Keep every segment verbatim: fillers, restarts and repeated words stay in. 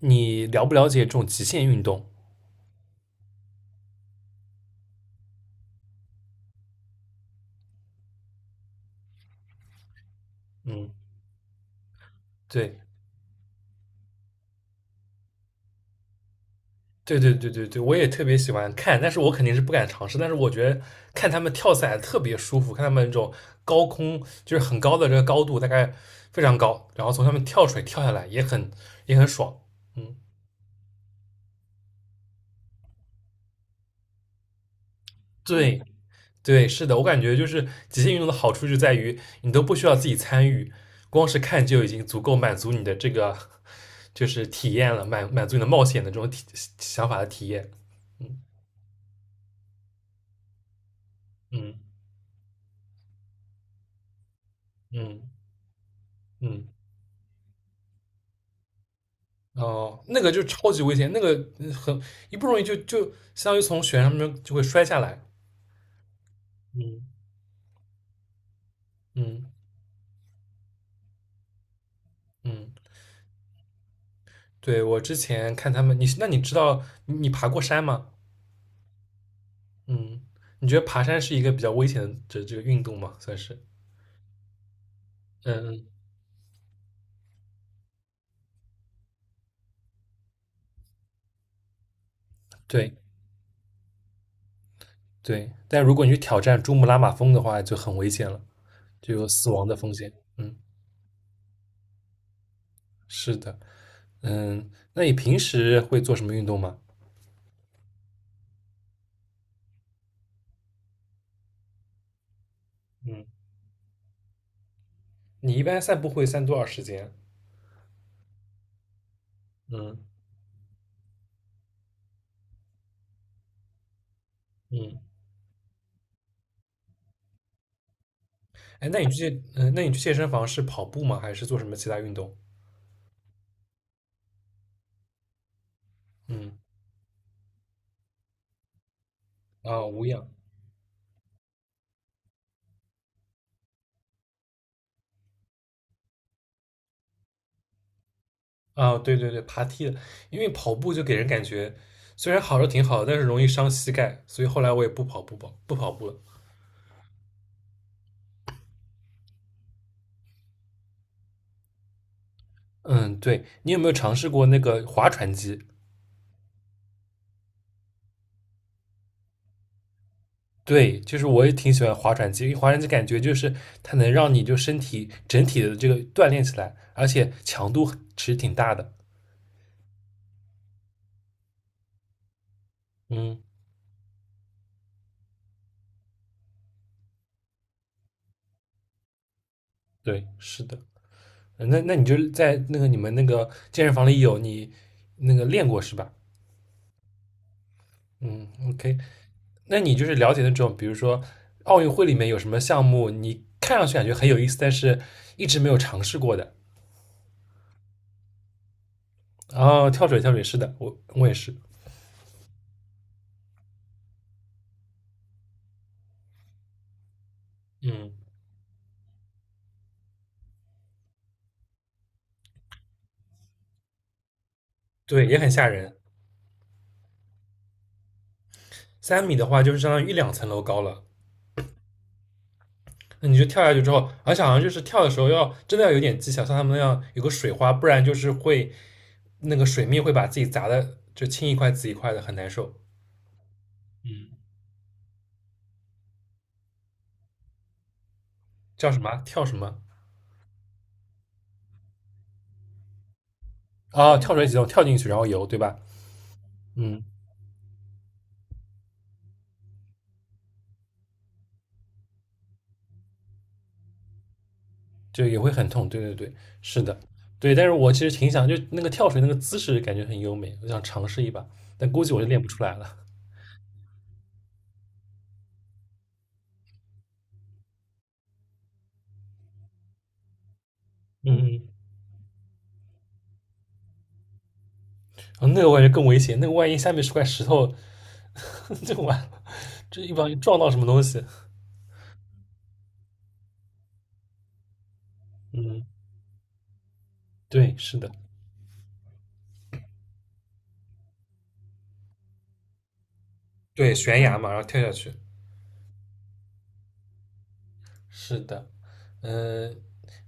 你了不了解这种极限运动？嗯。对。对对对对对，我也特别喜欢看，但是我肯定是不敢尝试。但是我觉得看他们跳伞特别舒服，看他们那种高空就是很高的这个高度，大概非常高，然后从上面跳水跳下来也很也很爽。嗯。对对，是的，我感觉就是极限运动的好处就在于你都不需要自己参与，光是看就已经足够满足你的这个就是体验了，满满足你的冒险的这种体想法的体验。嗯嗯嗯嗯。哦，那个就超级危险，那个嗯很一不容易就就相当于从悬崖上面就会摔下来。嗯嗯嗯。对，我之前看他们，你那你知道你你爬过山吗？嗯。你觉得爬山是一个比较危险的这这个运动吗？算是。嗯嗯。对对，但如果你去挑战珠穆朗玛峰的话，就很危险了，就有死亡的风险。嗯，是的。嗯，那你平时会做什么运动吗？嗯。你一般散步会散多少时间？嗯嗯。哎，那你去健，嗯，那你去健身房是跑步吗？还是做什么其他运动？嗯。啊，无氧。啊，对对对，爬梯的，因为跑步就给人感觉虽然好是挺好的，但是容易伤膝盖，所以后来我也不跑步吧，不跑步了。嗯。对，你有没有尝试过那个划船机？对，就是我也挺喜欢划船机，因为划船机感觉就是它能让你就身体整体的这个锻炼起来，而且强度其实挺大的。嗯。对，是的。呃那那你就在那个你们那个健身房里有你那个练过是吧？嗯，O K。那你就是了解那种，比如说奥运会里面有什么项目，你看上去感觉很有意思，但是一直没有尝试过的。哦，跳水，跳水，是的，我我也是。嗯，对，也很吓人。三米的话，就是相当于一两层楼高了。那你就跳下去之后，而且好像就是跳的时候要真的要有点技巧，像他们那样有个水花，不然就是会那个水面会把自己砸的就青一块紫一块的，很难受。叫什么啊跳什么啊？跳水几动，跳进去然后游，对吧？嗯，就也会很痛。对对对，是的，对。但是我其实挺想，就那个跳水那个姿势感觉很优美，我想尝试一把，但估计我就练不出来了。嗯嗯。哦那个我感觉更危险，那个万一下面是块石头，就完了，这一不小撞到什么东西。嗯，对，是的，对，悬崖嘛，然后跳下去。是的。嗯、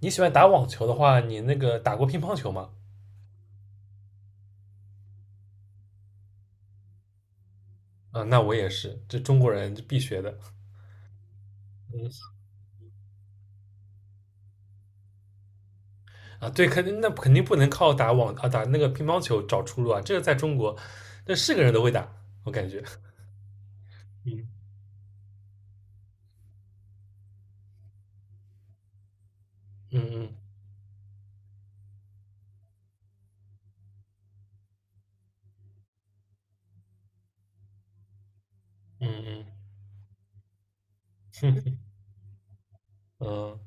你喜欢打网球的话，你那个打过乒乓球吗？啊，那我也是，这中国人就必学的。嗯。啊，对，肯定那肯定不能靠打网啊打那个乒乓球找出路啊，这个在中国，那是个人都会打，我感觉。嗯嗯嗯嗯嗯嗯。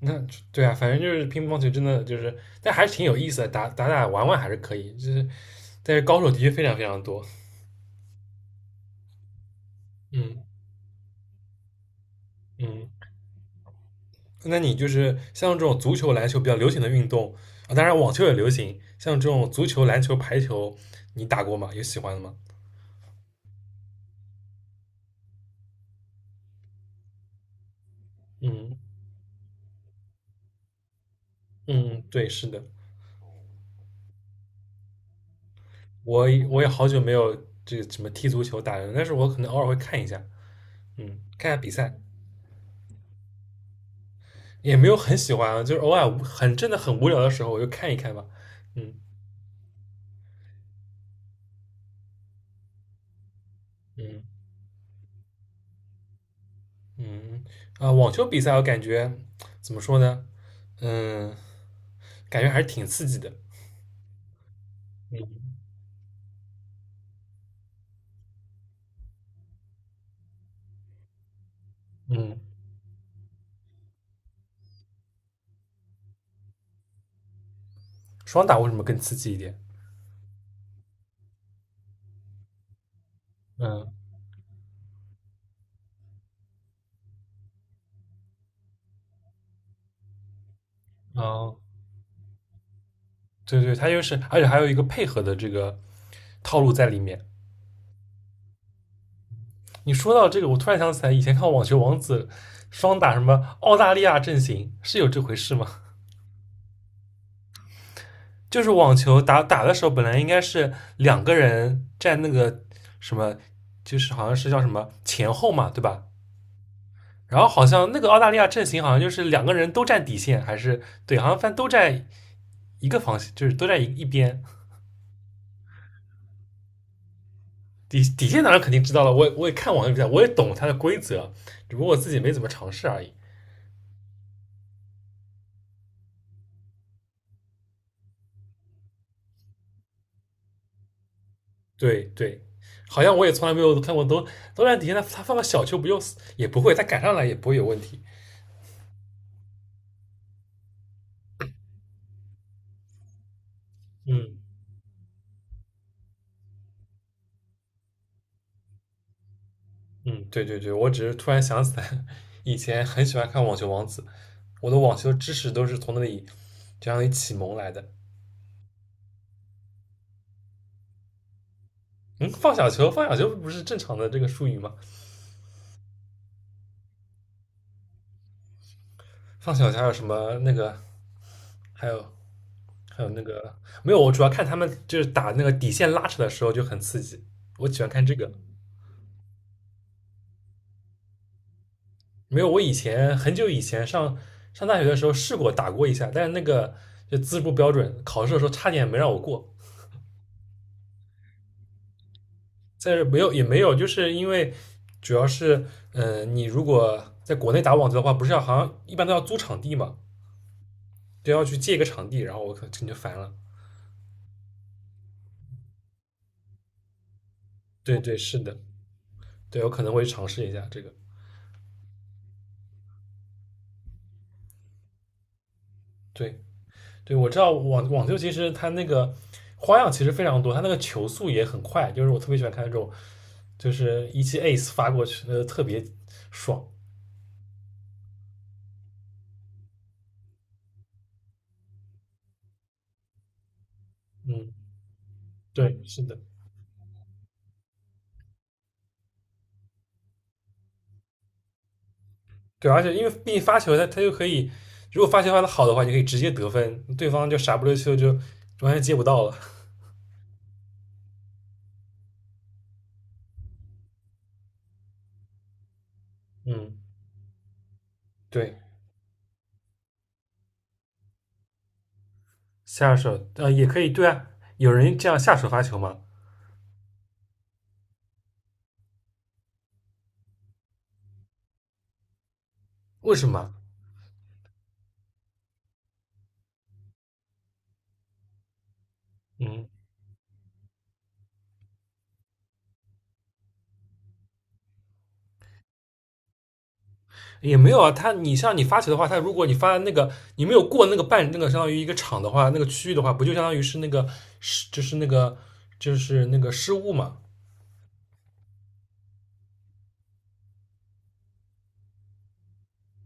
那对啊，反正就是乒乓球真的就是，但还是挺有意思的，打打打玩玩还是可以，就是但是高手的确非常非常多。嗯嗯。那你就是像这种足球、篮球比较流行的运动啊，当然网球也流行，像这种足球、篮球、排球，你打过吗？有喜欢的吗？嗯嗯。对，是的。我我也好久没有这个什么踢足球打人，但是我可能偶尔会看一下，嗯，看一下比赛。也没有很喜欢啊，就是偶尔很真的很无聊的时候，我就看一看吧。嗯嗯嗯。啊、网球比赛我感觉怎么说呢，嗯，感觉还是挺刺激的。嗯嗯。双打为什么更刺激一点？嗯哦，对对，它就是，而且还有一个配合的这个套路在里面。你说到这个，我突然想起来，以前看《网球王子》，双打什么澳大利亚阵型是有这回事吗？就是网球打打的时候，本来应该是两个人站那个什么，就是好像是叫什么前后嘛，对吧？然后好像那个澳大利亚阵型好像就是两个人都占底线，还是对，好像反正都站一个方向，就是都站一一边。底底线当然肯定知道了，我我也看网球比赛，我也懂它的规则，只不过我自己没怎么尝试而已。对对，好像我也从来没有看过都都在底下，他他放个小球不就死也不会，他赶上来也不会有问题。嗯嗯。对对对，我只是突然想起来，以前很喜欢看《网球王子》，我的网球知识都是从那里这样一启蒙来的。嗯，放小球，放小球不是正常的这个术语吗？放小球还有什么那个，还有还有那个没有，我主要看他们就是打那个底线拉扯的时候就很刺激，我喜欢看这个。没有，我以前很久以前上上大学的时候试过打过一下，但是那个就资质不标准，考试的时候差点没让我过。但是没有也没有，就是因为主要是，嗯、呃你如果在国内打网球的话，不是要好像一般都要租场地嘛，都要去借一个场地，然后我可能就烦了。对对，是的，对我可能会尝试一下这个。对，对，我知道网网球其实它那个花样其实非常多，它那个球速也很快，就是我特别喜欢看那种，就是一记 ace 发过去，呃，特别爽。嗯，对，是的，对，而且因为毕竟发球它它就可以，如果发球发的好的话，你可以直接得分，对方就傻不溜秋就完全接不到了。嗯，对，下手呃也可以，对啊，有人这样下手发球吗？为什么？嗯。也没有啊，他你像你发球的话，他如果你发的那个你没有过那个半那个相当于一个场的话，那个区域的话，不就相当于是那个失就是那个就是那个失误嘛？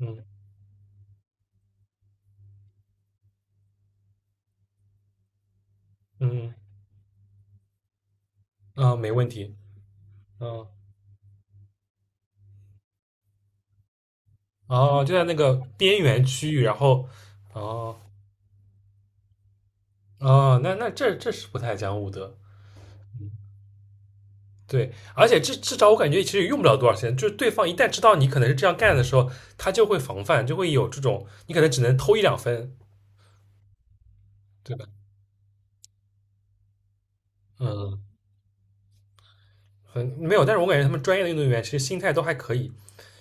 嗯嗯啊，没问题。嗯哦，就在那个边缘区域，然后哦哦，那那这这是不太讲武德，对，而且至至少我感觉其实也用不了多少钱，就是对方一旦知道你可能是这样干的时候，他就会防范，就会有这种你可能只能偷一两分，对吧？嗯很没有，但是我感觉他们专业的运动员其实心态都还可以，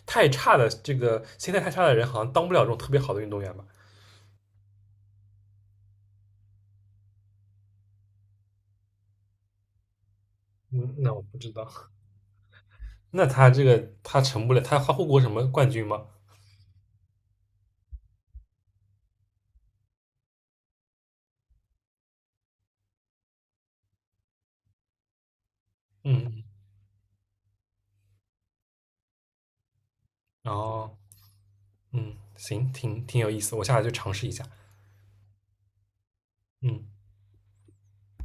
太差的这个心态太差的人好像当不了这种特别好的运动员吧？嗯，那我不知道。那他这个他成不了，他他获过什么冠军吗？嗯，然后嗯，行，挺挺有意思，我下来就尝试一下。嗯。